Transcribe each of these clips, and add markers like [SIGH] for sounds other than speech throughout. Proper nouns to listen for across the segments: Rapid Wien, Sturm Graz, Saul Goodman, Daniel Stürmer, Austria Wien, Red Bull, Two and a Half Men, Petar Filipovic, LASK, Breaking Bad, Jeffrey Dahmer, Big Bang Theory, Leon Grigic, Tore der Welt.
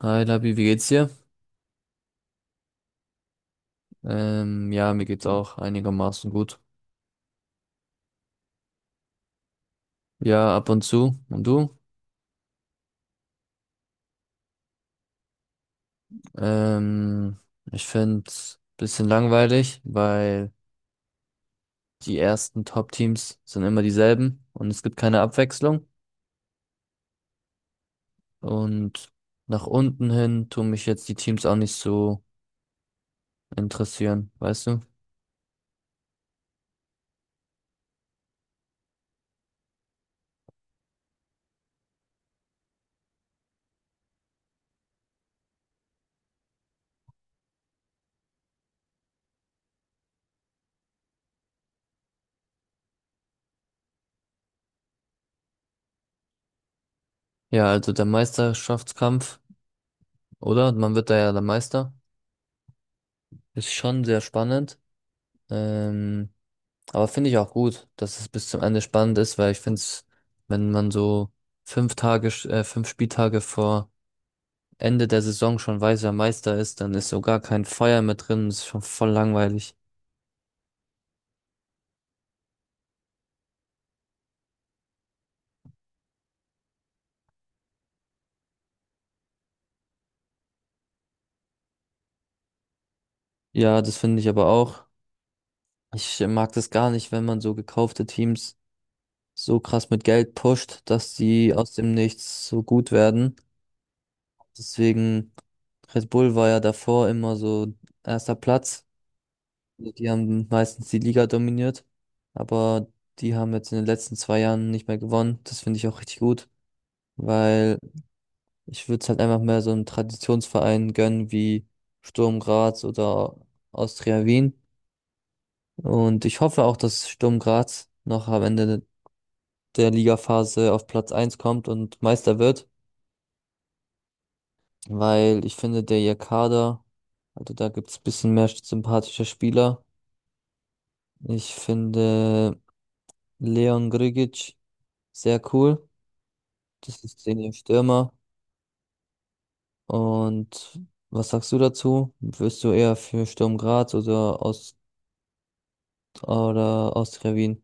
Hi Labi, wie geht's dir? Ja, mir geht's auch einigermaßen gut. Ja, ab und zu. Und du? Ähm, ich find's bisschen langweilig, weil die ersten Top-Teams sind immer dieselben und es gibt keine Abwechslung. Und nach unten hin tun mich jetzt die Teams auch nicht so interessieren, weißt du? Ja, also der Meisterschaftskampf, oder? Man wird da ja der Meister. Ist schon sehr spannend. Ähm, Aber finde ich auch gut, dass es bis zum Ende spannend ist, weil ich finde es, wenn man so 5 Tage, 5 Spieltage vor Ende der Saison schon weiß, wer Meister ist, dann ist so gar kein Feuer mehr drin. Das ist schon voll langweilig. Ja, das finde ich aber auch. Ich mag das gar nicht, wenn man so gekaufte Teams so krass mit Geld pusht, dass sie aus dem Nichts so gut werden. Deswegen, Red Bull war ja davor immer so erster Platz. Also die haben meistens die Liga dominiert, aber die haben jetzt in den letzten 2 Jahren nicht mehr gewonnen. Das finde ich auch richtig gut, weil ich würde es halt einfach mehr so einem Traditionsverein gönnen wie Sturm Graz oder Austria Wien. Und ich hoffe auch, dass Sturm Graz noch am Ende der Ligaphase auf Platz eins kommt und Meister wird, weil ich finde, der ihr Kader, also da gibt es ein bisschen mehr sympathische Spieler. Ich finde Leon Grigic sehr cool. Das ist Daniel Stürmer. Und was sagst du dazu? Wirst du eher für Sturm Graz oder Austria Wien?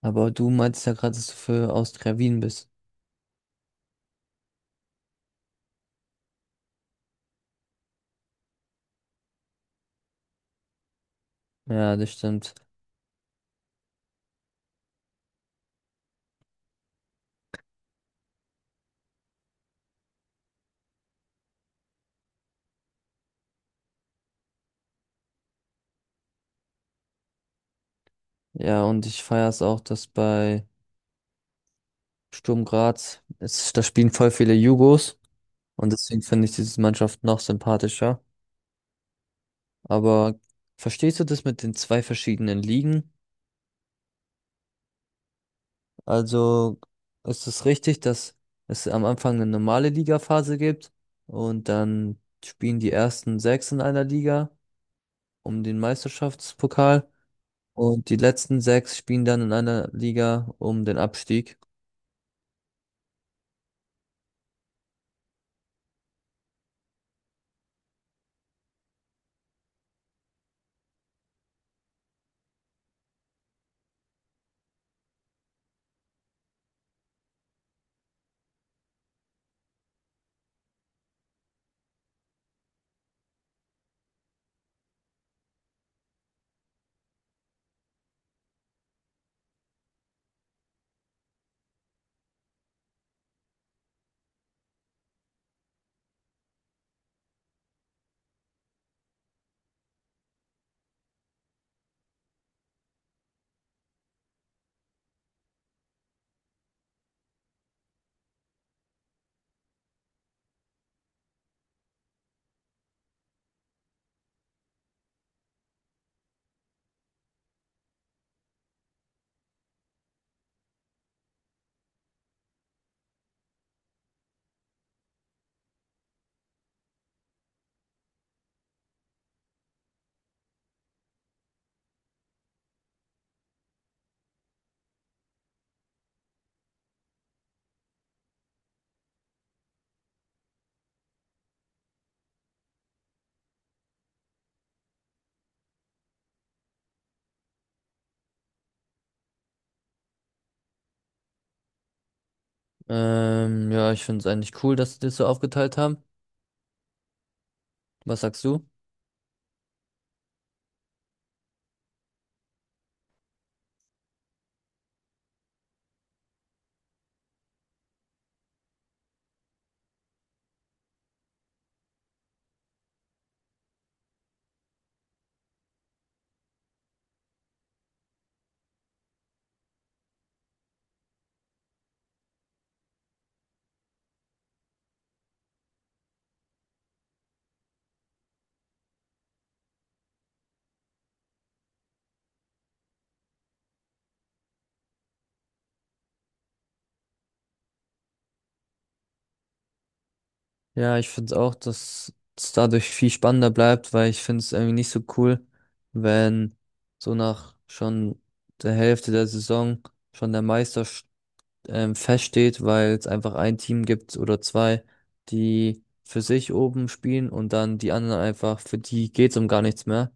Aber du meintest ja gerade, dass du für Austria Wien bist. Ja, das stimmt. Ja, und ich feiere es auch, dass bei Sturm Graz, da spielen voll viele Jugos und deswegen finde ich diese Mannschaft noch sympathischer. Aber verstehst du das mit den zwei verschiedenen Ligen? Also ist es richtig, dass es am Anfang eine normale Ligaphase gibt und dann spielen die ersten sechs in einer Liga um den Meisterschaftspokal und die letzten sechs spielen dann in einer Liga um den Abstieg. Ja, ich finde es eigentlich cool, dass sie das so aufgeteilt haben. Was sagst du? Ja, ich finde es auch, dass es dadurch viel spannender bleibt, weil ich finde es irgendwie nicht so cool, wenn so nach schon der Hälfte der Saison schon der Meister feststeht, weil es einfach ein Team gibt oder zwei, die für sich oben spielen und dann die anderen einfach, für die geht's um gar nichts mehr.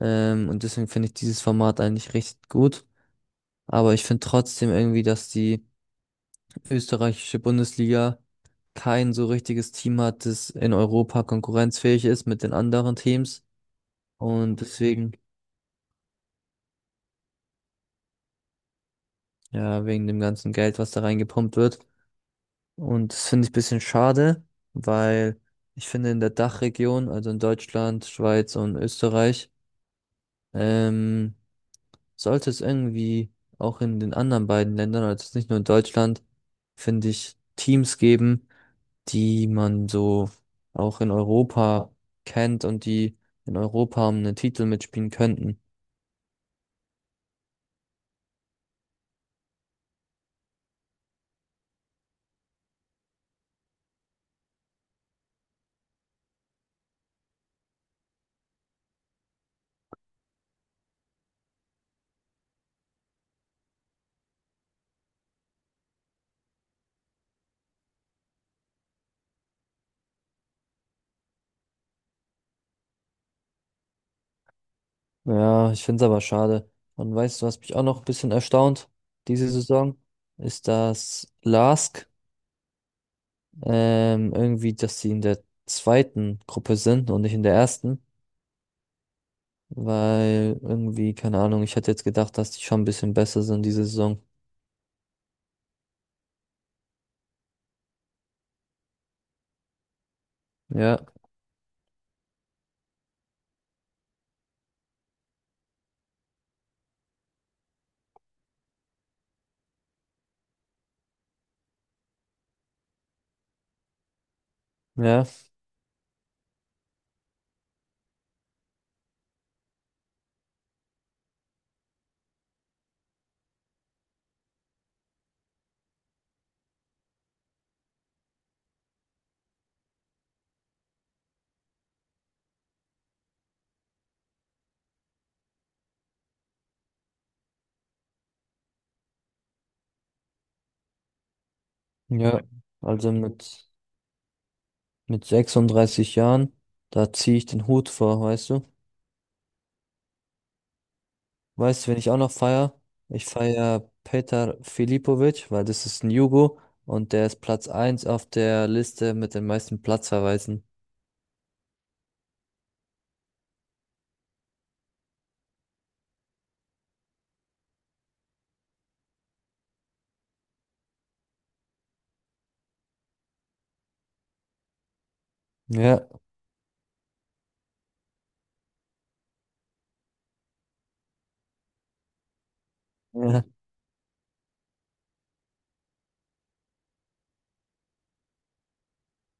Und deswegen finde ich dieses Format eigentlich richtig gut. Aber ich finde trotzdem irgendwie, dass die österreichische Bundesliga kein so richtiges Team hat, das in Europa konkurrenzfähig ist mit den anderen Teams. Und deswegen, ja, wegen dem ganzen Geld, was da reingepumpt wird. Und das finde ich ein bisschen schade, weil ich finde in der Dachregion, also in Deutschland, Schweiz und Österreich, ähm, sollte es irgendwie auch in den anderen beiden Ländern, also jetzt nicht nur in Deutschland, finde ich, Teams geben, die man so auch in Europa kennt und die in Europa um einen Titel mitspielen könnten. Ja, ich finde es aber schade. Und weißt du, was mich auch noch ein bisschen erstaunt diese Saison, ist, dass LASK irgendwie, dass sie in der zweiten Gruppe sind und nicht in der ersten, weil irgendwie, keine Ahnung, ich hätte jetzt gedacht, dass die schon ein bisschen besser sind diese Saison. Ja, ja, ja. Also mit 36 Jahren, da ziehe ich den Hut vor, weißt du? Weißt du, wen ich auch noch feier? Ich feier Petar Filipovic, weil das ist ein Jugo und der ist Platz eins auf der Liste mit den meisten Platzverweisen. Ja. [LAUGHS]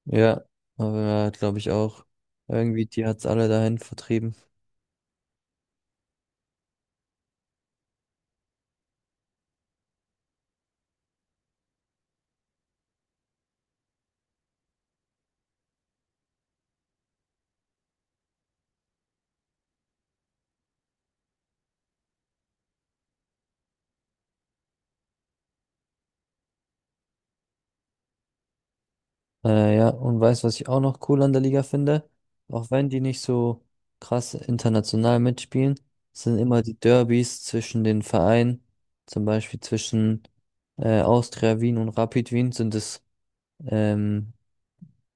Ja, aber glaube ich auch. Irgendwie, die hat's alle dahin vertrieben. Ja, und weißt, was ich auch noch cool an der Liga finde? Auch wenn die nicht so krass international mitspielen, sind immer die Derbys zwischen den Vereinen, zum Beispiel zwischen Austria Wien und Rapid Wien, sind es ähm,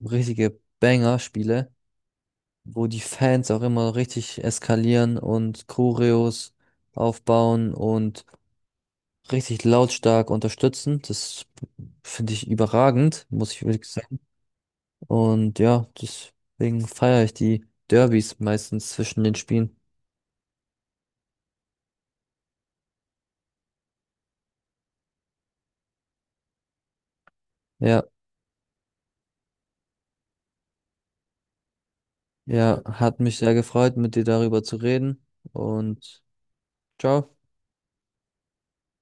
richtige Banger-Spiele, wo die Fans auch immer richtig eskalieren und Choreos aufbauen und richtig lautstark unterstützen. Das finde ich überragend, muss ich wirklich sagen. Und ja, deswegen feiere ich die Derbys meistens zwischen den Spielen. Ja, ja, hat mich sehr gefreut, mit dir darüber zu reden. Und ciao.